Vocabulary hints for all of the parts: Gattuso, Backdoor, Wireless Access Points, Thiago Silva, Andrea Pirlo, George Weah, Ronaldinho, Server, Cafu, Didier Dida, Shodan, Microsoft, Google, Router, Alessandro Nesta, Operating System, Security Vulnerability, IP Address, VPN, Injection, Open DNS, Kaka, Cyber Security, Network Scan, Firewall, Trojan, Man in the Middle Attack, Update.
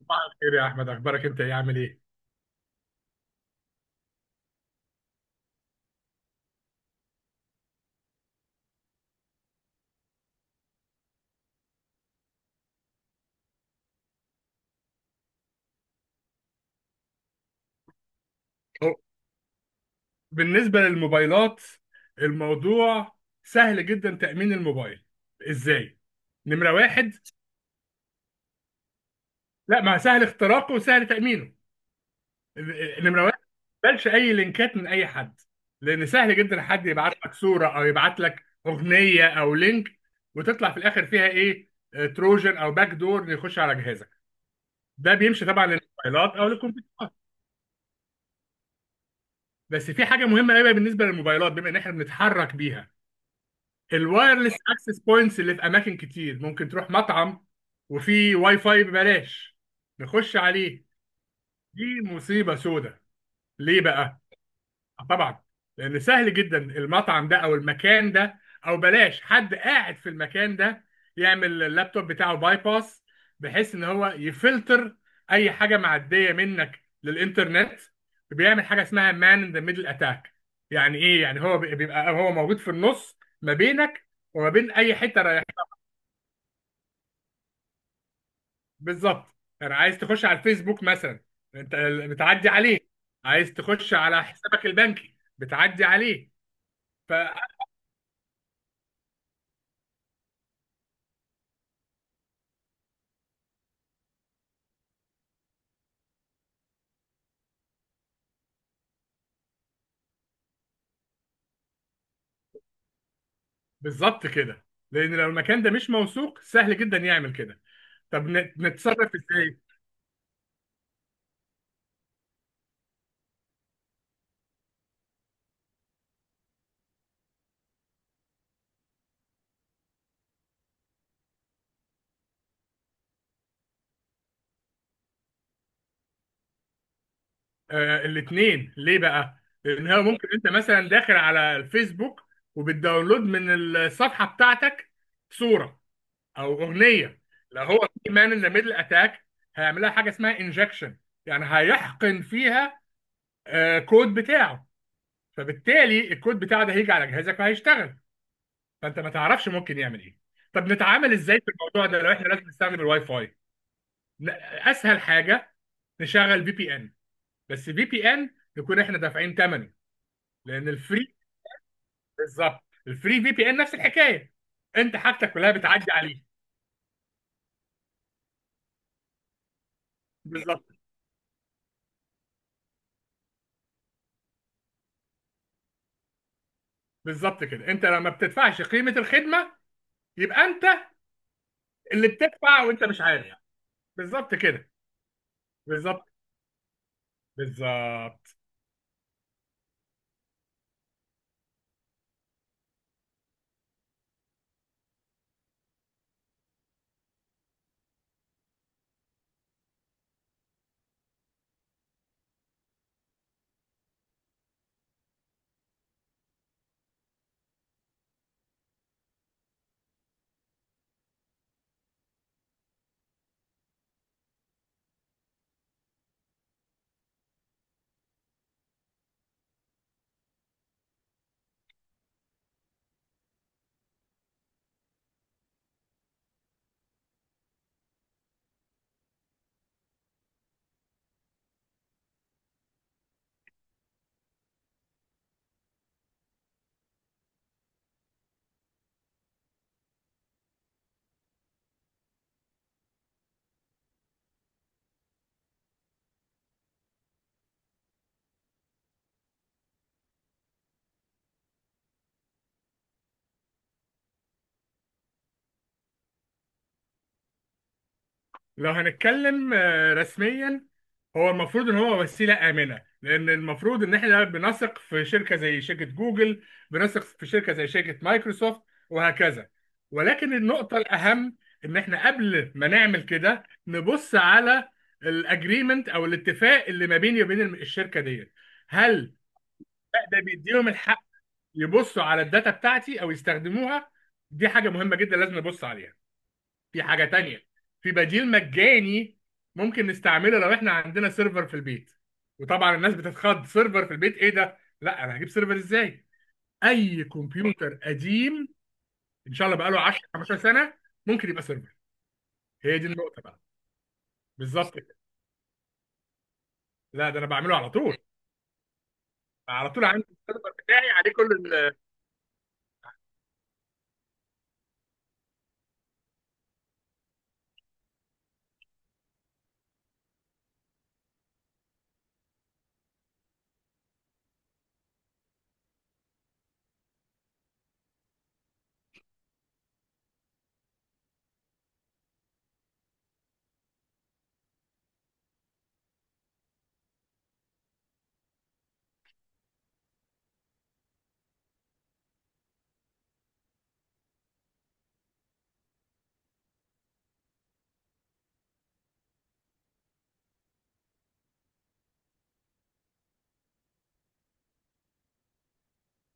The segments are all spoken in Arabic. صباح الخير يا احمد، اخبارك انت؟ ايه عامل ايه؟ هو بالنسبه للموبايلات، الموضوع سهل جدا. تامين الموبايل ازاي؟ نمره واحد: لا، ما سهل اختراقه وسهل تامينه. نمره واحد: ما تقبلش اي لينكات من اي حد، لان سهل جدا حد يبعت لك صوره او يبعت لك اغنيه او لينك، وتطلع في الاخر فيها ايه؟ تروجن او باك دور يخش على جهازك. ده بيمشي طبعا للموبايلات او للكمبيوترات. بس في حاجه مهمه قوي بالنسبه للموبايلات، بما ان احنا بنتحرك بيها. الوايرلس اكسس بوينتس اللي في اماكن كتير، ممكن تروح مطعم وفي واي فاي ببلاش نخش عليه. دي مصيبة سودة. ليه بقى؟ طبعا لان سهل جدا المطعم ده او المكان ده، او بلاش حد قاعد في المكان ده يعمل اللابتوب بتاعه باي باس، بحيث ان هو يفلتر اي حاجه معديه منك للانترنت. بيعمل حاجه اسمها مان ان ذا ميدل اتاك. يعني ايه؟ يعني هو بيبقى هو موجود في النص ما بينك وما بين اي حته رايح. بالظبط. يعني عايز تخش على الفيسبوك مثلا انت، بتعدي عليه. عايز تخش على حسابك البنكي، بتعدي عليه. بالظبط كده، لان لو المكان ده مش موثوق، سهل جدا يعمل كده. طب نتصرف ازاي؟ آه، الاثنين. ليه بقى؟ لان هو ممكن انت مثلا داخل على الفيسبوك وبتداونلود من الصفحه بتاعتك صوره او اغنيه. لو هو في مان ان ذا ميدل اتاك، هيعملها حاجه اسمها انجكشن. يعني هيحقن فيها كود بتاعه. فبالتالي الكود بتاعه ده هيجي على جهازك وهيشتغل، فانت ما تعرفش ممكن يعمل ايه. طب نتعامل ازاي في الموضوع ده لو احنا لازم نستخدم الواي فاي؟ لا، اسهل حاجه نشغل في بي ان. بس في بي ان نكون احنا دافعين ثمنه، لان الفري... بالظبط. الفري في بي ان نفس الحكايه، انت حاجتك كلها بتعدي عليه. بالظبط. بالظبط كده، انت لما بتدفعش قيمه الخدمه، يبقى انت اللي بتدفع وانت مش عارف. بالظبط كده. بالظبط. بالظبط. لو هنتكلم رسميا، هو المفروض ان هو وسيله امنه، لان المفروض ان احنا بنثق في شركه زي شركه جوجل، بنثق في شركه زي شركه مايكروسوفت، وهكذا. ولكن النقطه الاهم ان احنا قبل ما نعمل كده نبص على الاجريمنت او الاتفاق اللي ما بيني وبين الشركه ديت. هل ده بيديهم الحق يبصوا على الداتا بتاعتي او يستخدموها؟ دي حاجه مهمه جدا لازم نبص عليها. في حاجة تانية: في بديل مجاني ممكن نستعمله لو احنا عندنا سيرفر في البيت. وطبعا الناس بتتخض: سيرفر في البيت؟ ايه ده؟ لا، انا هجيب سيرفر ازاي؟ اي كمبيوتر قديم ان شاء الله بقاله 10 15 سنة ممكن يبقى سيرفر. هي دي النقطة بقى. بالظبط كده. لا، ده انا بعمله على طول. على طول عندي السيرفر بتاعي عليه كل...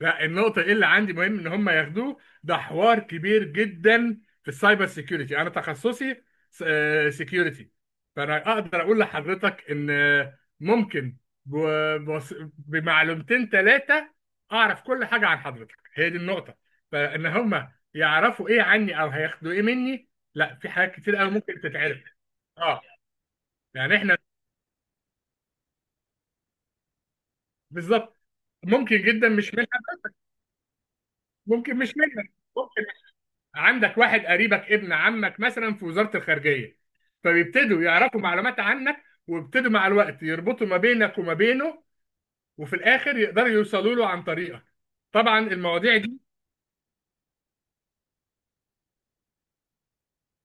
لا، النقطة اللي عندي مهم ان هم ياخدوه. ده حوار كبير جدا. في السايبر سيكيورتي انا تخصصي سيكيورتي، فانا اقدر اقول لحضرتك ان آه، ممكن بمعلومتين ثلاثة اعرف كل حاجة عن حضرتك. هي دي النقطة. فان هم يعرفوا ايه عني او هياخدوا ايه مني؟ لا، في حاجات كتير قوي ممكن تتعرف. اه. يعني احنا بالظبط، ممكن جدا مش منها. ممكن مش منها. عندك واحد قريبك ابن عمك مثلا في وزارة الخارجية، فبيبتدوا يعرفوا معلومات عنك ويبتدوا مع الوقت يربطوا ما بينك وما بينه، وفي الآخر يقدروا يوصلوا له عن طريقك. طبعا المواضيع دي...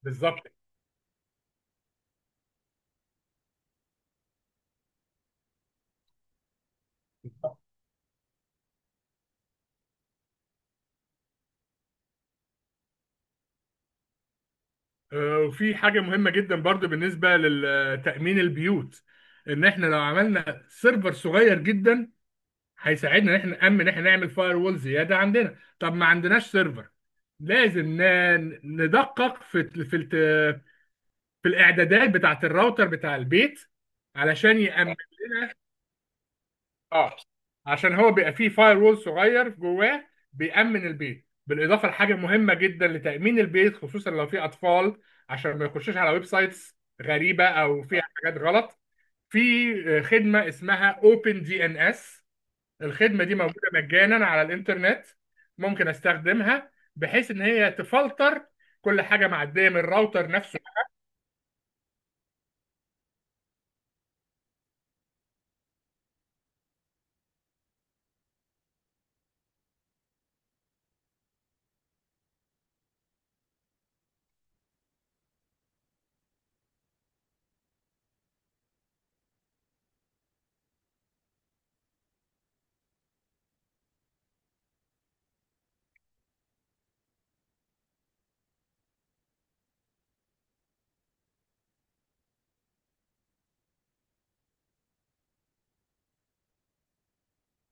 بالظبط. وفي حاجة مهمة جدا برضو بالنسبة لتأمين البيوت: إن إحنا لو عملنا سيرفر صغير جدا، هيساعدنا إن إحنا نأمن، ان إحنا نعمل فاير وول زيادة عندنا. طب ما عندناش سيرفر، لازم ندقق في الاعدادات بتاعت الراوتر بتاع البيت علشان يأمن. اه، عشان هو بيبقى فيه فاير وول صغير جواه، بيأمن البيت، بالاضافه لحاجه مهمه جدا لتأمين البيت، خصوصا لو في اطفال، عشان ما يخشوش على ويب سايتس غريبه او فيها حاجات غلط. في خدمه اسمها اوبن دي ان اس. الخدمه دي موجوده مجانا على الانترنت، ممكن استخدمها بحيث ان هي تفلتر كل حاجه معديه من الراوتر نفسه.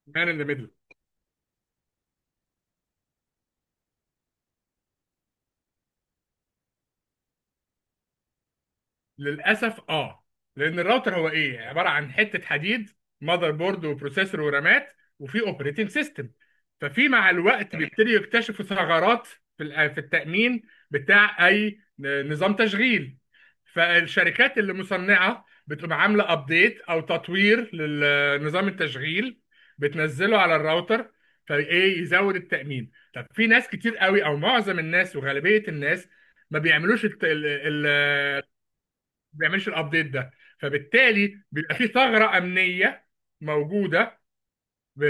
مان ان ذا ميدل. للاسف، اه. لان الراوتر هو ايه؟ عباره عن حته حديد، ماذر بورد وبروسيسور ورامات، وفي اوبريتنج سيستم. ففي مع الوقت تمام بيبتدي يكتشفوا ثغرات في في التامين بتاع اي نظام تشغيل. فالشركات اللي مصنعه بتقوم عامله ابديت او تطوير لنظام التشغيل، بتنزله على الراوتر، فايه يزود التامين. طب في ناس كتير قوي او معظم الناس وغالبيه الناس ما بيعملوش، ما بيعملش الابديت ده، فبالتالي بيبقى في ثغره امنيه موجوده. ب-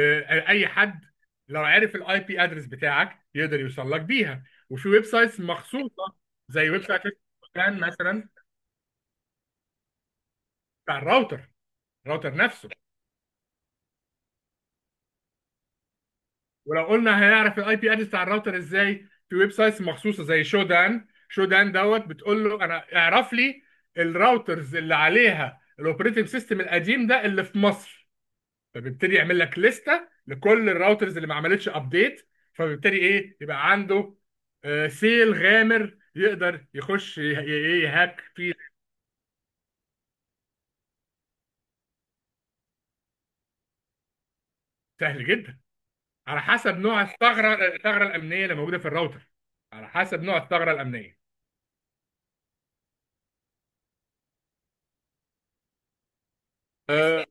اي حد لو عرف الاي بي ادرس بتاعك يقدر يوصل لك بيها. وفي ويب سايتس مخصوصه، زي ويب سايت كان مثلا بتاع الراوتر، الراوتر نفسه. ولو قلنا هنعرف الاي بي ادرس بتاع الراوتر ازاي، في ويب سايتس مخصوصه زي شودان، شودان دوت، بتقول له انا اعرف لي الراوترز اللي عليها الاوبريتنج سيستم القديم ده اللي في مصر، فبيبتدي يعمل لك لستة لكل الراوترز اللي ما عملتش ابديت، فبيبتدي ايه يبقى عنده سيل غامر يقدر يخش ي- ايه يهاك فيه. سهل جدا، على حسب نوع الثغرة، الأمنية اللي موجودة في الراوتر. على حسب نوع الثغرة الأمنية. آه،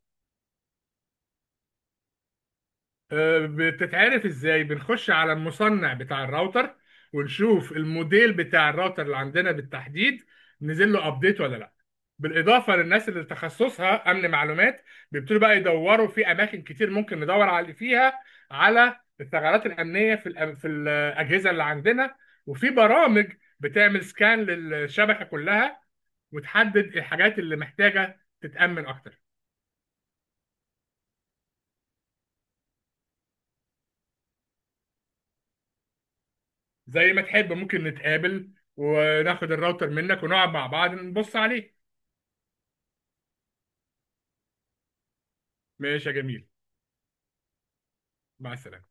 بتتعرف ازاي؟ بنخش على المصنع بتاع الراوتر، ونشوف الموديل بتاع الراوتر اللي عندنا بالتحديد، نزل له ابديت ولا لا. بالاضافه للناس اللي تخصصها امن معلومات، بيبتدوا بقى يدوروا في اماكن كتير ممكن ندور على فيها، على الثغرات الامنيه في في الاجهزه اللي عندنا. وفي برامج بتعمل سكان للشبكه كلها، وتحدد الحاجات اللي محتاجه تتامن اكتر. زي ما تحب، ممكن نتقابل وناخد الراوتر منك ونقعد مع بعض نبص عليه. ماشي يا جميل. مع السلامة.